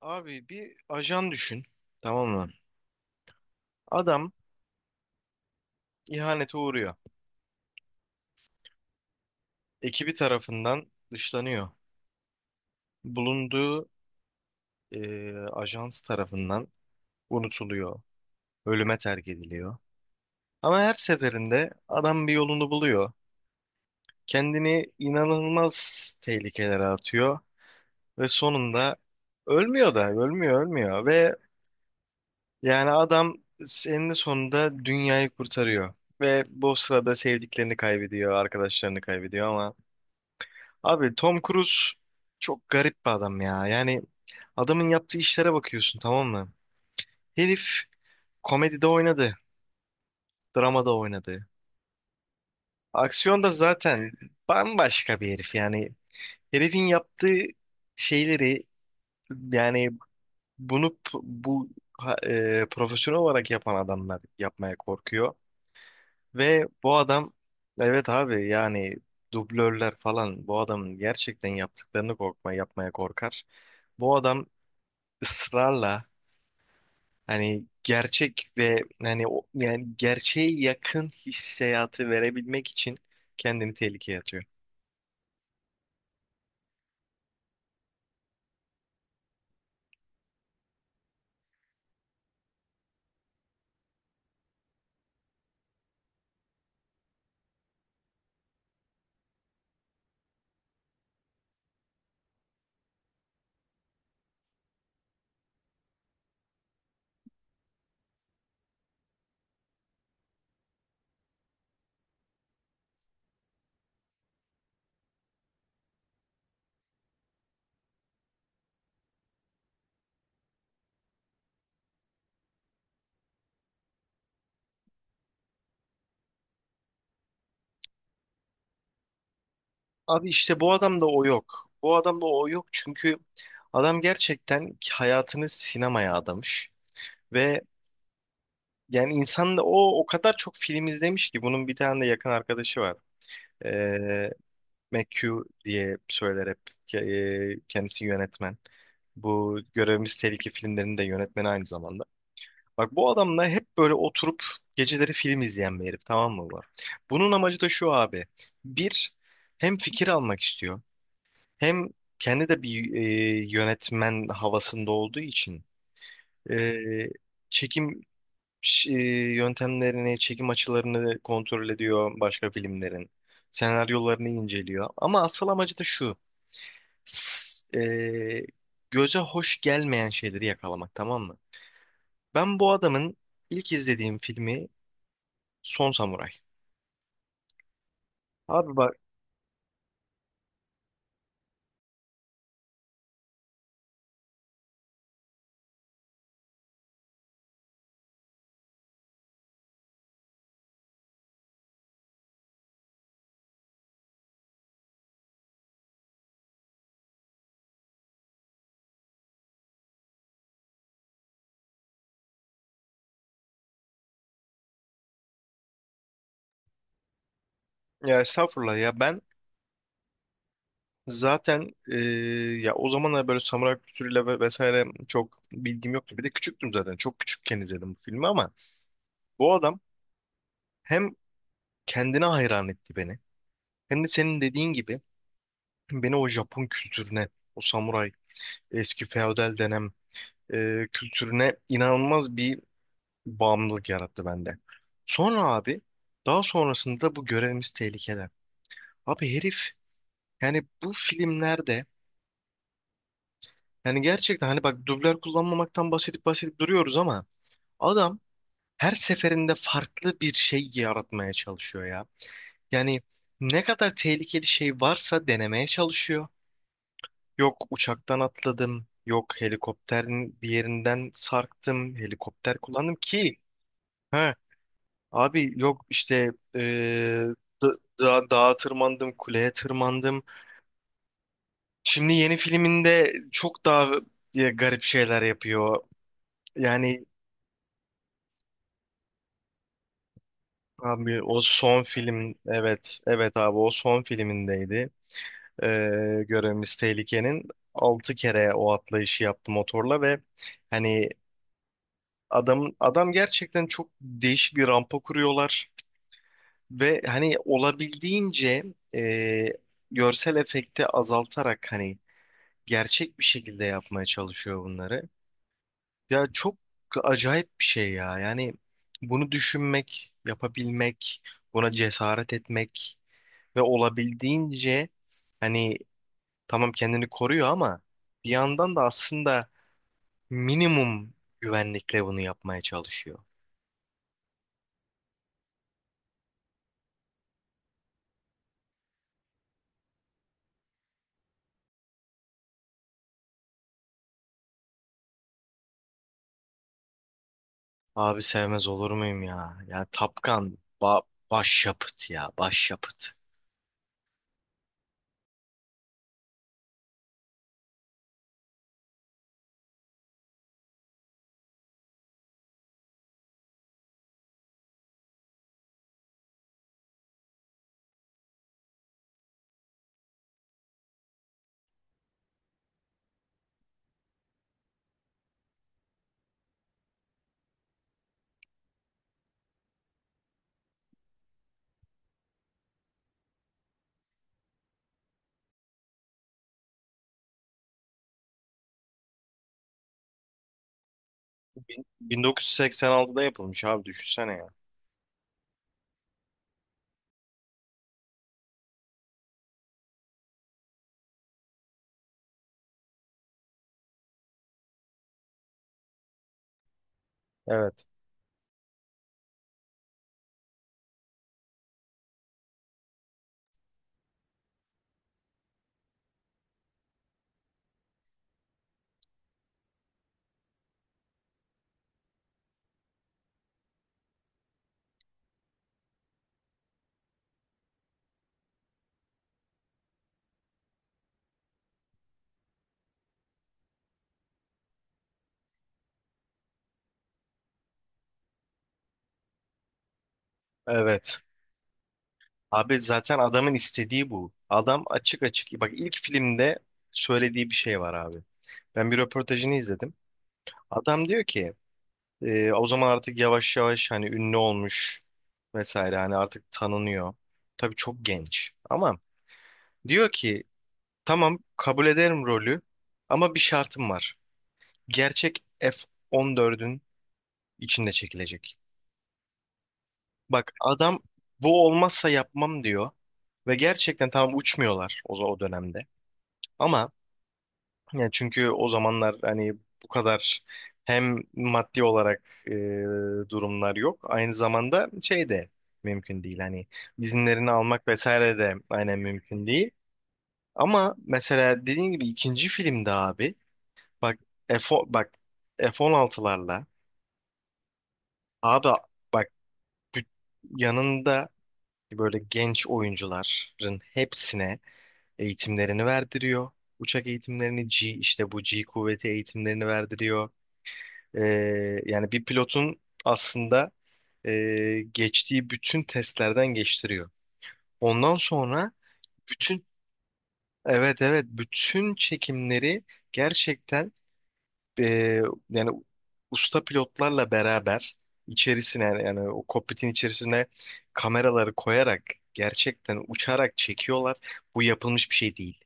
Abi bir ajan düşün. Tamam mı? Adam ihanete uğruyor. Ekibi tarafından dışlanıyor. Bulunduğu e, ajans tarafından unutuluyor. Ölüme terk ediliyor. Ama her seferinde adam bir yolunu buluyor. Kendini inanılmaz tehlikelere atıyor. Ve sonunda ölmüyor da ölmüyor. Ve yani adam eninde sonunda dünyayı kurtarıyor. Ve bu sırada sevdiklerini kaybediyor, arkadaşlarını kaybediyor ama abi Tom Cruise çok garip bir adam ya. Yani adamın yaptığı işlere bakıyorsun, tamam mı? Herif komedide oynadı, dramada oynadı. Aksiyonda zaten bambaşka bir herif yani. Herifin yaptığı şeyleri, yani bunu p- bu ha- e, profesyonel olarak yapan adamlar yapmaya korkuyor. Ve bu adam, evet abi, yani dublörler falan bu adamın gerçekten yaptıklarını korkma yapmaya korkar. Bu adam ısrarla, hani gerçek ve yani yani gerçeğe yakın hissiyatı verebilmek için kendini tehlikeye atıyor. Abi işte bu adamda o yok. Bu adamda o yok, çünkü adam gerçekten hayatını sinemaya adamış ve yani insan da o kadar çok film izlemiş ki bunun bir tane de yakın arkadaşı var. Ee, McHugh diye söyler hep. Kendisi yönetmen. Bu Görevimiz Tehlike filmlerinin de yönetmeni aynı zamanda. Bak, bu adamla hep böyle oturup geceleri film izleyen bir herif, tamam mı bu? Bunun amacı da şu abi. Bir, hem fikir almak istiyor. Hem kendi de bir, yönetmen havasında olduğu için e, çekim ş- e, yöntemlerini, çekim açılarını kontrol ediyor başka filmlerin. Senaryolarını inceliyor. Ama asıl amacı da şu. S- e, Göze hoş gelmeyen şeyleri yakalamak, tamam mı? Ben bu adamın ilk izlediğim filmi Son Samuray. Abi bak, ya estağfurullah ya, ben zaten ya o zamanlar böyle samuray kültürüyle ve vesaire çok bilgim yoktu. Bir de küçüktüm zaten. Çok küçükken izledim bu filmi ama bu adam hem kendine hayran etti beni, hem de senin dediğin gibi beni o Japon kültürüne, o samuray eski feodal dönem kültürüne inanılmaz bir bağımlılık yarattı bende. Sonra abi, daha sonrasında bu görevimiz tehlikeler. Abi herif, yani bu filmlerde, yani gerçekten hani bak dublör kullanmamaktan bahsedip bahsedip duruyoruz ama adam her seferinde farklı bir şey yaratmaya çalışıyor ya. Yani ne kadar tehlikeli şey varsa denemeye çalışıyor. Yok uçaktan atladım, yok helikopterin bir yerinden sarktım, helikopter kullandım ki ha abi yok işte dağa tırmandım, kuleye tırmandım. Şimdi yeni filminde çok daha garip şeyler yapıyor. Yani abi o son film, evet evet abi o son filmindeydi. Ee, Görevimiz Tehlike'nin 6 kere o atlayışı yaptı motorla ve hani adam gerçekten çok değişik bir rampa kuruyorlar ve hani olabildiğince e, görsel efekti azaltarak hani gerçek bir şekilde yapmaya çalışıyor bunları. Ya çok acayip bir şey ya. Yani bunu düşünmek, yapabilmek, buna cesaret etmek. Ve olabildiğince hani, tamam kendini koruyor ama bir yandan da aslında minimum güvenlikle bunu yapmaya çalışıyor. Abi sevmez olur muyum ya? Ya Tapkan, başyapıt ya, başyapıt. 1986'da yapılmış abi, düşünsene ya. Evet. Evet. Abi zaten adamın istediği bu. Adam açık açık. Bak ilk filmde söylediği bir şey var abi. Ben bir röportajını izledim. Adam diyor ki, o zaman artık yavaş yavaş hani ünlü olmuş vesaire, hani artık tanınıyor. Tabii çok genç ama diyor ki tamam kabul ederim rolü ama bir şartım var. Gerçek F-14'ün içinde çekilecek. Bak adam bu olmazsa yapmam diyor ve gerçekten tamam uçmuyorlar o dönemde ama yani çünkü o zamanlar hani bu kadar hem maddi olarak durumlar yok. Aynı zamanda şey de mümkün değil. Hani izinlerini almak vesaire de aynen mümkün değil. Ama mesela dediğin gibi ikinci filmde abi bak, bak F-16'larla abi bak, bü- yanında böyle genç oyuncuların hepsine eğitimlerini verdiriyor. Uçak eğitimlerini, G işte bu G kuvveti eğitimlerini verdiriyor. Yani bir pilotun aslında geçtiği bütün testlerden geçtiriyor. Ondan sonra bütün, evet evet, bütün çekimleri gerçekten e, yani usta pilotlarla beraber içerisine, yani o kokpitin içerisine kameraları koyarak gerçekten uçarak çekiyorlar. Bu yapılmış bir şey değil.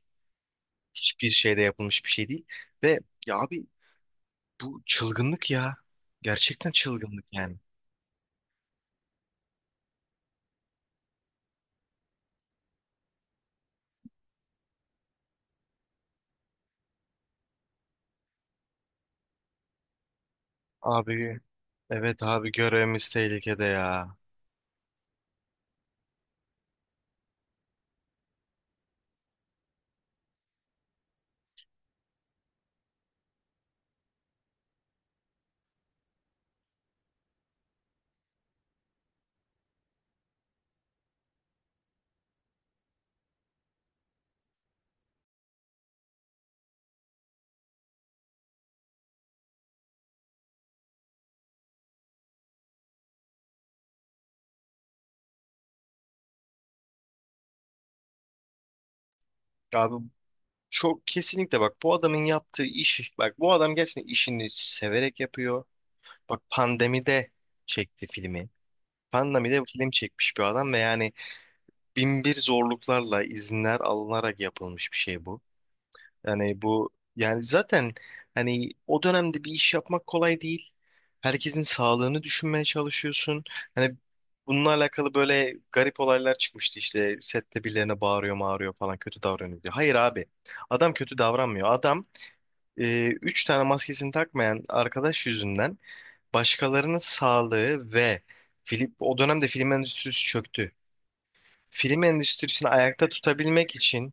Hiçbir şeyde yapılmış bir şey değil. Ve ya abi, bu çılgınlık ya. Gerçekten çılgınlık yani. Abi, evet abi, görevimiz tehlikede ya. Abi çok kesinlikle, bak bu adamın yaptığı iş, bak bu adam gerçekten işini severek yapıyor. Bak pandemide çekti filmi. Pandemide film çekmiş bir adam ve yani bin bir zorluklarla izinler alınarak yapılmış bir şey bu. Yani bu, yani zaten hani o dönemde bir iş yapmak kolay değil. Herkesin sağlığını düşünmeye çalışıyorsun. Hani bununla alakalı böyle garip olaylar çıkmıştı, işte sette birilerine bağırıyor mağırıyor falan kötü davranıyor diyor. Hayır abi, adam kötü davranmıyor. Adam üç tane maskesini takmayan arkadaş yüzünden başkalarının sağlığı ve film, o dönemde film endüstrisi çöktü. Film endüstrisini ayakta tutabilmek için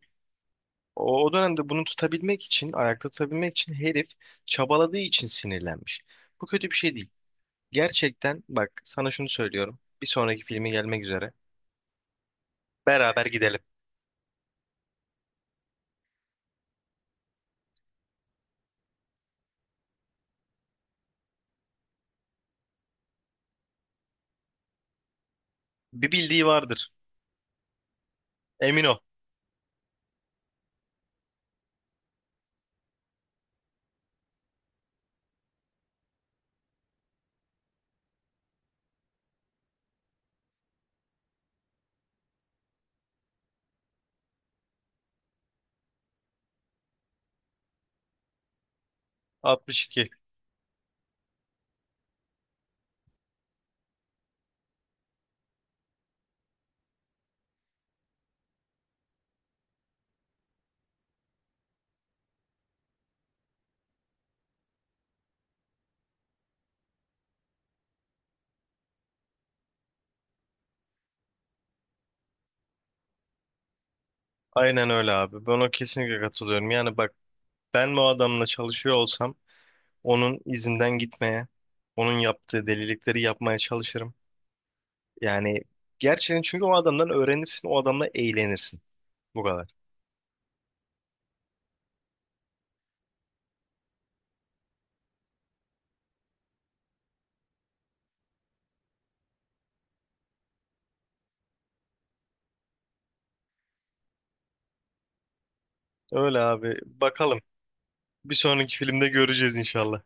o dönemde bunu tutabilmek için, ayakta tutabilmek için herif çabaladığı için sinirlenmiş. Bu kötü bir şey değil. Gerçekten bak sana şunu söylüyorum. Bir sonraki filmi gelmek üzere. Beraber gidelim. Bir bildiği vardır. Emin ol. 62. Aynen öyle abi. Ben o kesinlikle katılıyorum. Yani bak, ben bu adamla çalışıyor olsam onun izinden gitmeye, onun yaptığı delilikleri yapmaya çalışırım. Yani gerçekten, çünkü o adamdan öğrenirsin, o adamla eğlenirsin. Bu kadar. Öyle abi. Bakalım. Bir sonraki filmde göreceğiz inşallah.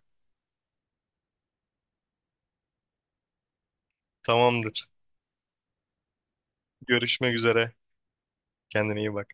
Tamamdır. Görüşmek üzere. Kendine iyi bak.